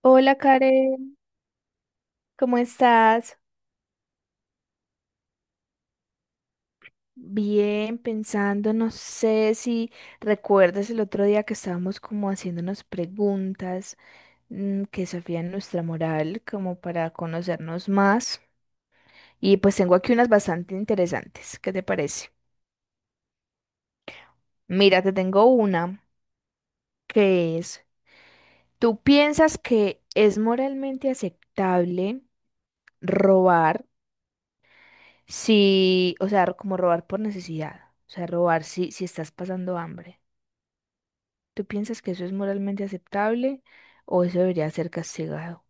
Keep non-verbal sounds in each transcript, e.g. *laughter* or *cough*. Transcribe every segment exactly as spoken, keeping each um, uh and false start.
Hola Karen, ¿cómo estás? Bien, pensando, no sé si recuerdas el otro día que estábamos como haciéndonos preguntas mm, que desafían nuestra moral como para conocernos más. Y pues tengo aquí unas bastante interesantes, ¿qué te parece? Mira, te tengo una que es, ¿tú piensas que es moralmente aceptable robar si, o sea, como robar por necesidad? O sea, robar si, si estás pasando hambre. ¿Tú piensas que eso es moralmente aceptable o eso debería ser castigado?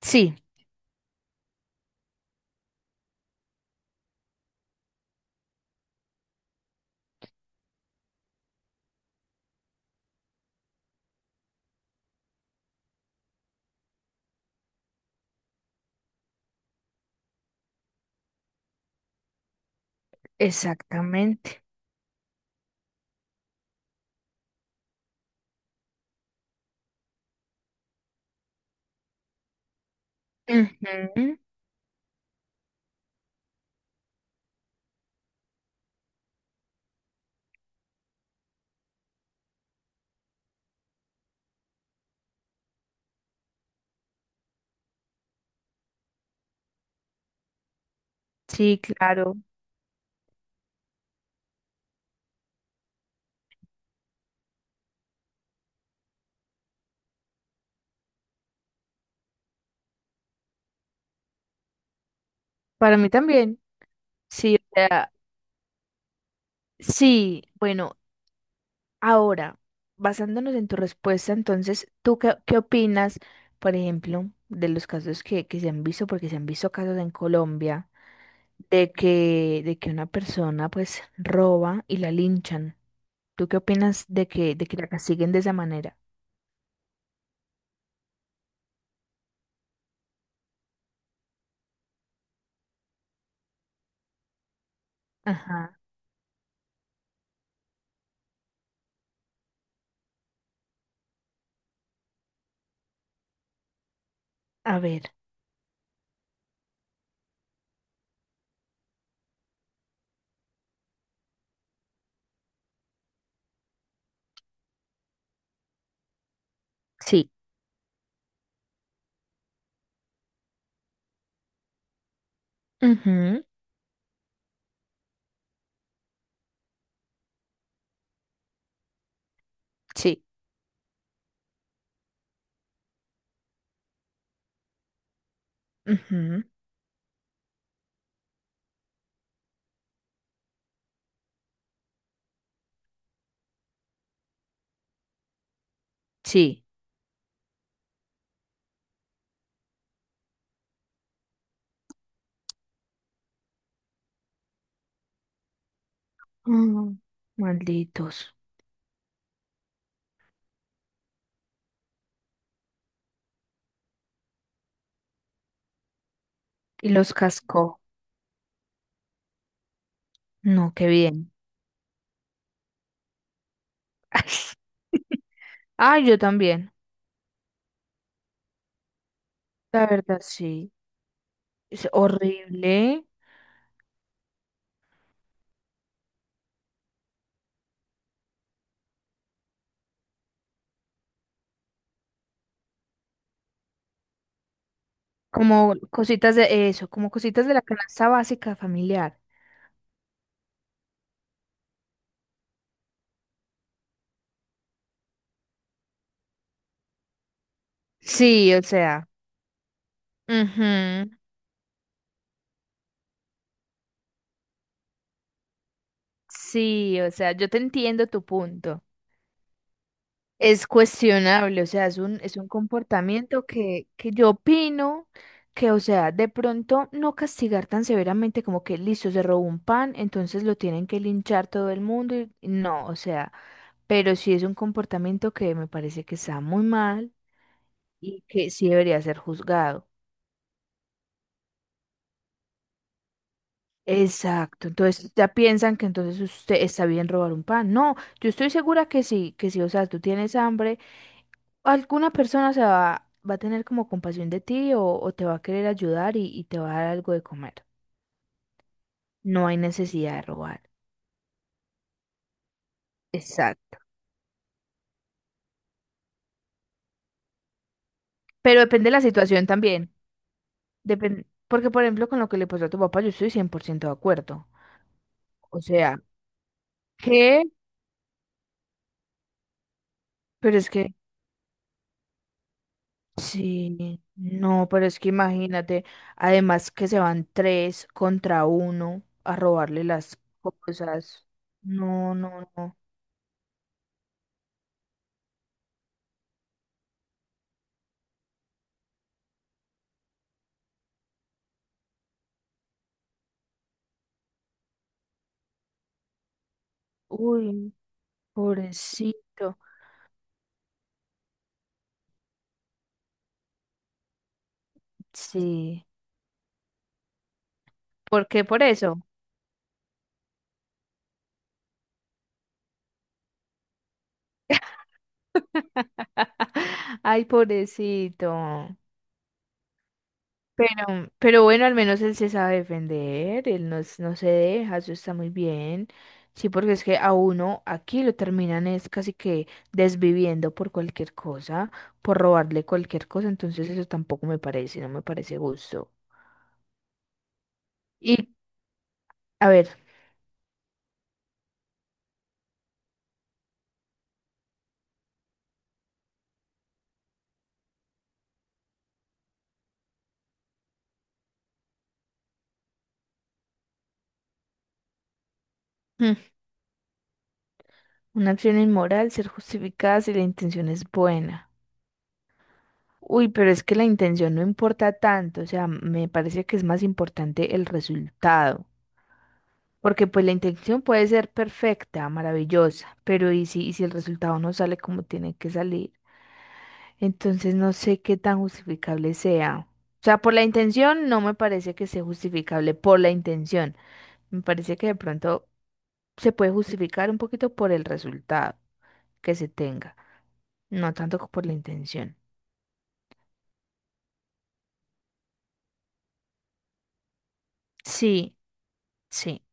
Sí, exactamente. Ujú. Sí, claro. Para mí también. Sí, o sea, sí. Bueno, ahora, basándonos en tu respuesta, entonces, ¿tú qué, qué opinas, por ejemplo, de los casos que, que se han visto, porque se han visto casos en Colombia, de que, de que una persona pues roba y la linchan? ¿Tú qué opinas de que, de que la castiguen de esa manera? Ajá. A ver. Sí, ujú, sí, ujú, sí. Mm, malditos. Y los cascó. No, qué bien. *laughs* Ah, yo también. La verdad, sí. Es horrible. Como cositas de eso, como cositas de la canasta básica familiar. Sí, o sea. Ujú. Sí, o sea, yo te entiendo tu punto. Es cuestionable, o sea, es un, es un comportamiento que, que yo opino que, o sea, de pronto no castigar tan severamente como que listo, se robó un pan, entonces lo tienen que linchar todo el mundo. Y no, o sea, pero sí es un comportamiento que me parece que está muy mal y que sí debería ser juzgado. Exacto, entonces ya piensan que entonces usted está bien robar un pan. No, yo estoy segura que sí, que sí, o sea, tú tienes hambre, alguna persona se va, va a tener como compasión de ti o, o te va a querer ayudar y, y te va a dar algo de comer. No hay necesidad de robar. Exacto. Pero depende de la situación también. Depen, porque por ejemplo, con lo que le pasó a tu papá, yo estoy cien por ciento de acuerdo. O sea, ¿qué? Pero es que... Sí, no, pero es que imagínate, además que se van tres contra uno a robarle las cosas. No, no, no. Uy, pobrecito. Sí. ¿Por qué por eso? *laughs* Ay, pobrecito. Pero, pero bueno, al menos él se sabe defender, él no, s- no se deja, eso está muy bien. Sí, porque es que a uno aquí lo terminan es casi que desviviendo por cualquier cosa, por robarle cualquier cosa, entonces eso tampoco me parece, no me parece gusto. Y, a ver, mm, una acción inmoral, ser justificada si la intención es buena. Uy, pero es que la intención no importa tanto, o sea, me parece que es más importante el resultado, porque pues la intención puede ser perfecta, maravillosa, pero ¿y si, y si el resultado no sale como tiene que salir? Entonces no sé qué tan justificable sea. O sea, por la intención no me parece que sea justificable, por la intención. Me parece que de pronto se puede justificar un poquito por el resultado que se tenga, no tanto por la intención. Sí, sí.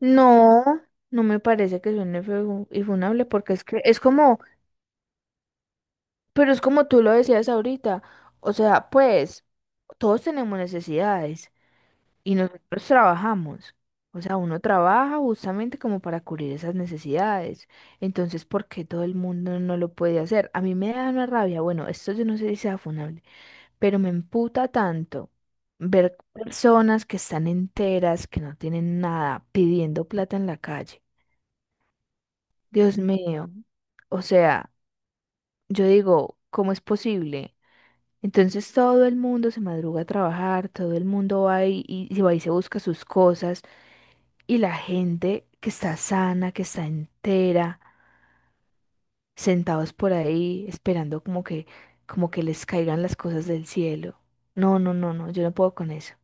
No, no me parece que suene feo y funable porque es que es como, pero es como tú lo decías ahorita, o sea, pues todos tenemos necesidades y nosotros trabajamos, o sea, uno trabaja justamente como para cubrir esas necesidades, entonces, ¿por qué todo el mundo no lo puede hacer? A mí me da una rabia, bueno, esto yo no sé si sea funable, pero me emputa tanto ver personas que están enteras, que no tienen nada, pidiendo plata en la calle. Dios mío, o sea, yo digo, ¿cómo es posible? Entonces todo el mundo se madruga a trabajar, todo el mundo va y, y se va y se busca sus cosas, y la gente que está sana, que está entera, sentados por ahí, esperando como que, como que les caigan las cosas del cielo. No, no, no, no, yo no puedo con eso.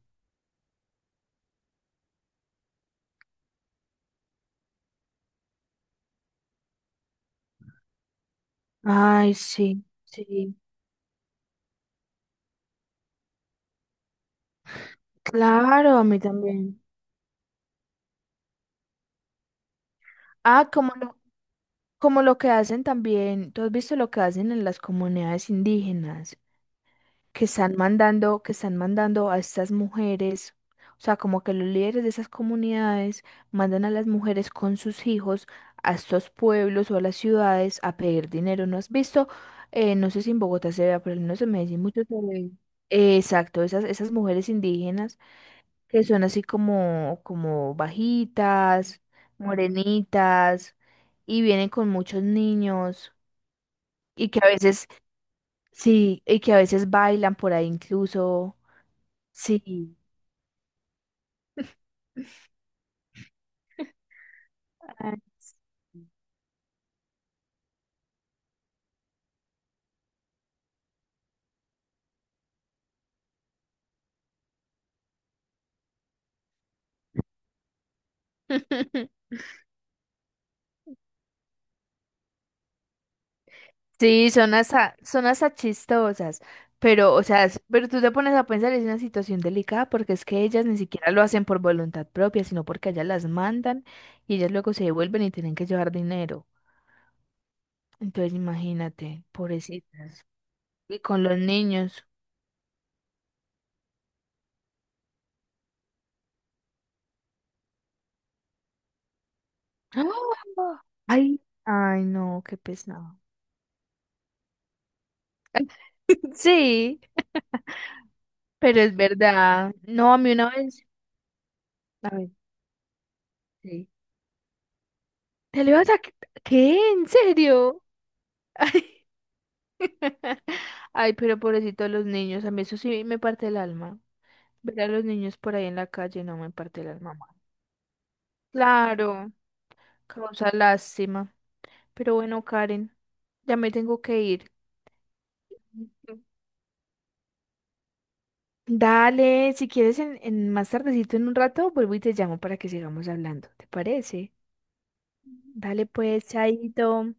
Ay, sí, sí. Claro, a mí también. Ah, como lo, como lo que hacen también, tú has visto lo que hacen en las comunidades indígenas, que están mandando, que están mandando a estas mujeres, o sea, como que los líderes de esas comunidades mandan a las mujeres con sus hijos a estos pueblos o a las ciudades a pedir dinero. ¿No has visto? Eh, no sé si en Bogotá se vea, pero no menos en Medellín mucho se ve. Eh, exacto, esas, esas mujeres indígenas que son así como, como bajitas, morenitas, y vienen con muchos niños, y que a veces, sí, y que a veces bailan por ahí incluso. Sí. Ay. *laughs* Sí, son hasta, son hasta chistosas, pero, o sea, es- pero tú te pones a pensar, es una situación delicada porque es que ellas ni siquiera lo hacen por voluntad propia, sino porque ellas las mandan y ellas luego se devuelven y tienen que llevar dinero. Entonces, imagínate, pobrecitas. Y con los niños. ¡Ah! Ay, ay, no, qué pesado. *laughs* Sí, pero es verdad. No, a mí una vez. A ver, sí. ¿Te le vas a... qui- ¿Qué? ¿En serio? *laughs* Ay, ay, pero pobrecito los niños. A mí eso sí me parte el alma. Ver a los niños por ahí en la calle no me parte el alma. Más. Claro, causa lástima. Pero bueno, Karen, ya me tengo que ir. Dale, si quieres en, en más tardecito en un rato, vuelvo y te llamo para que sigamos hablando. ¿Te parece? Dale pues, chaito.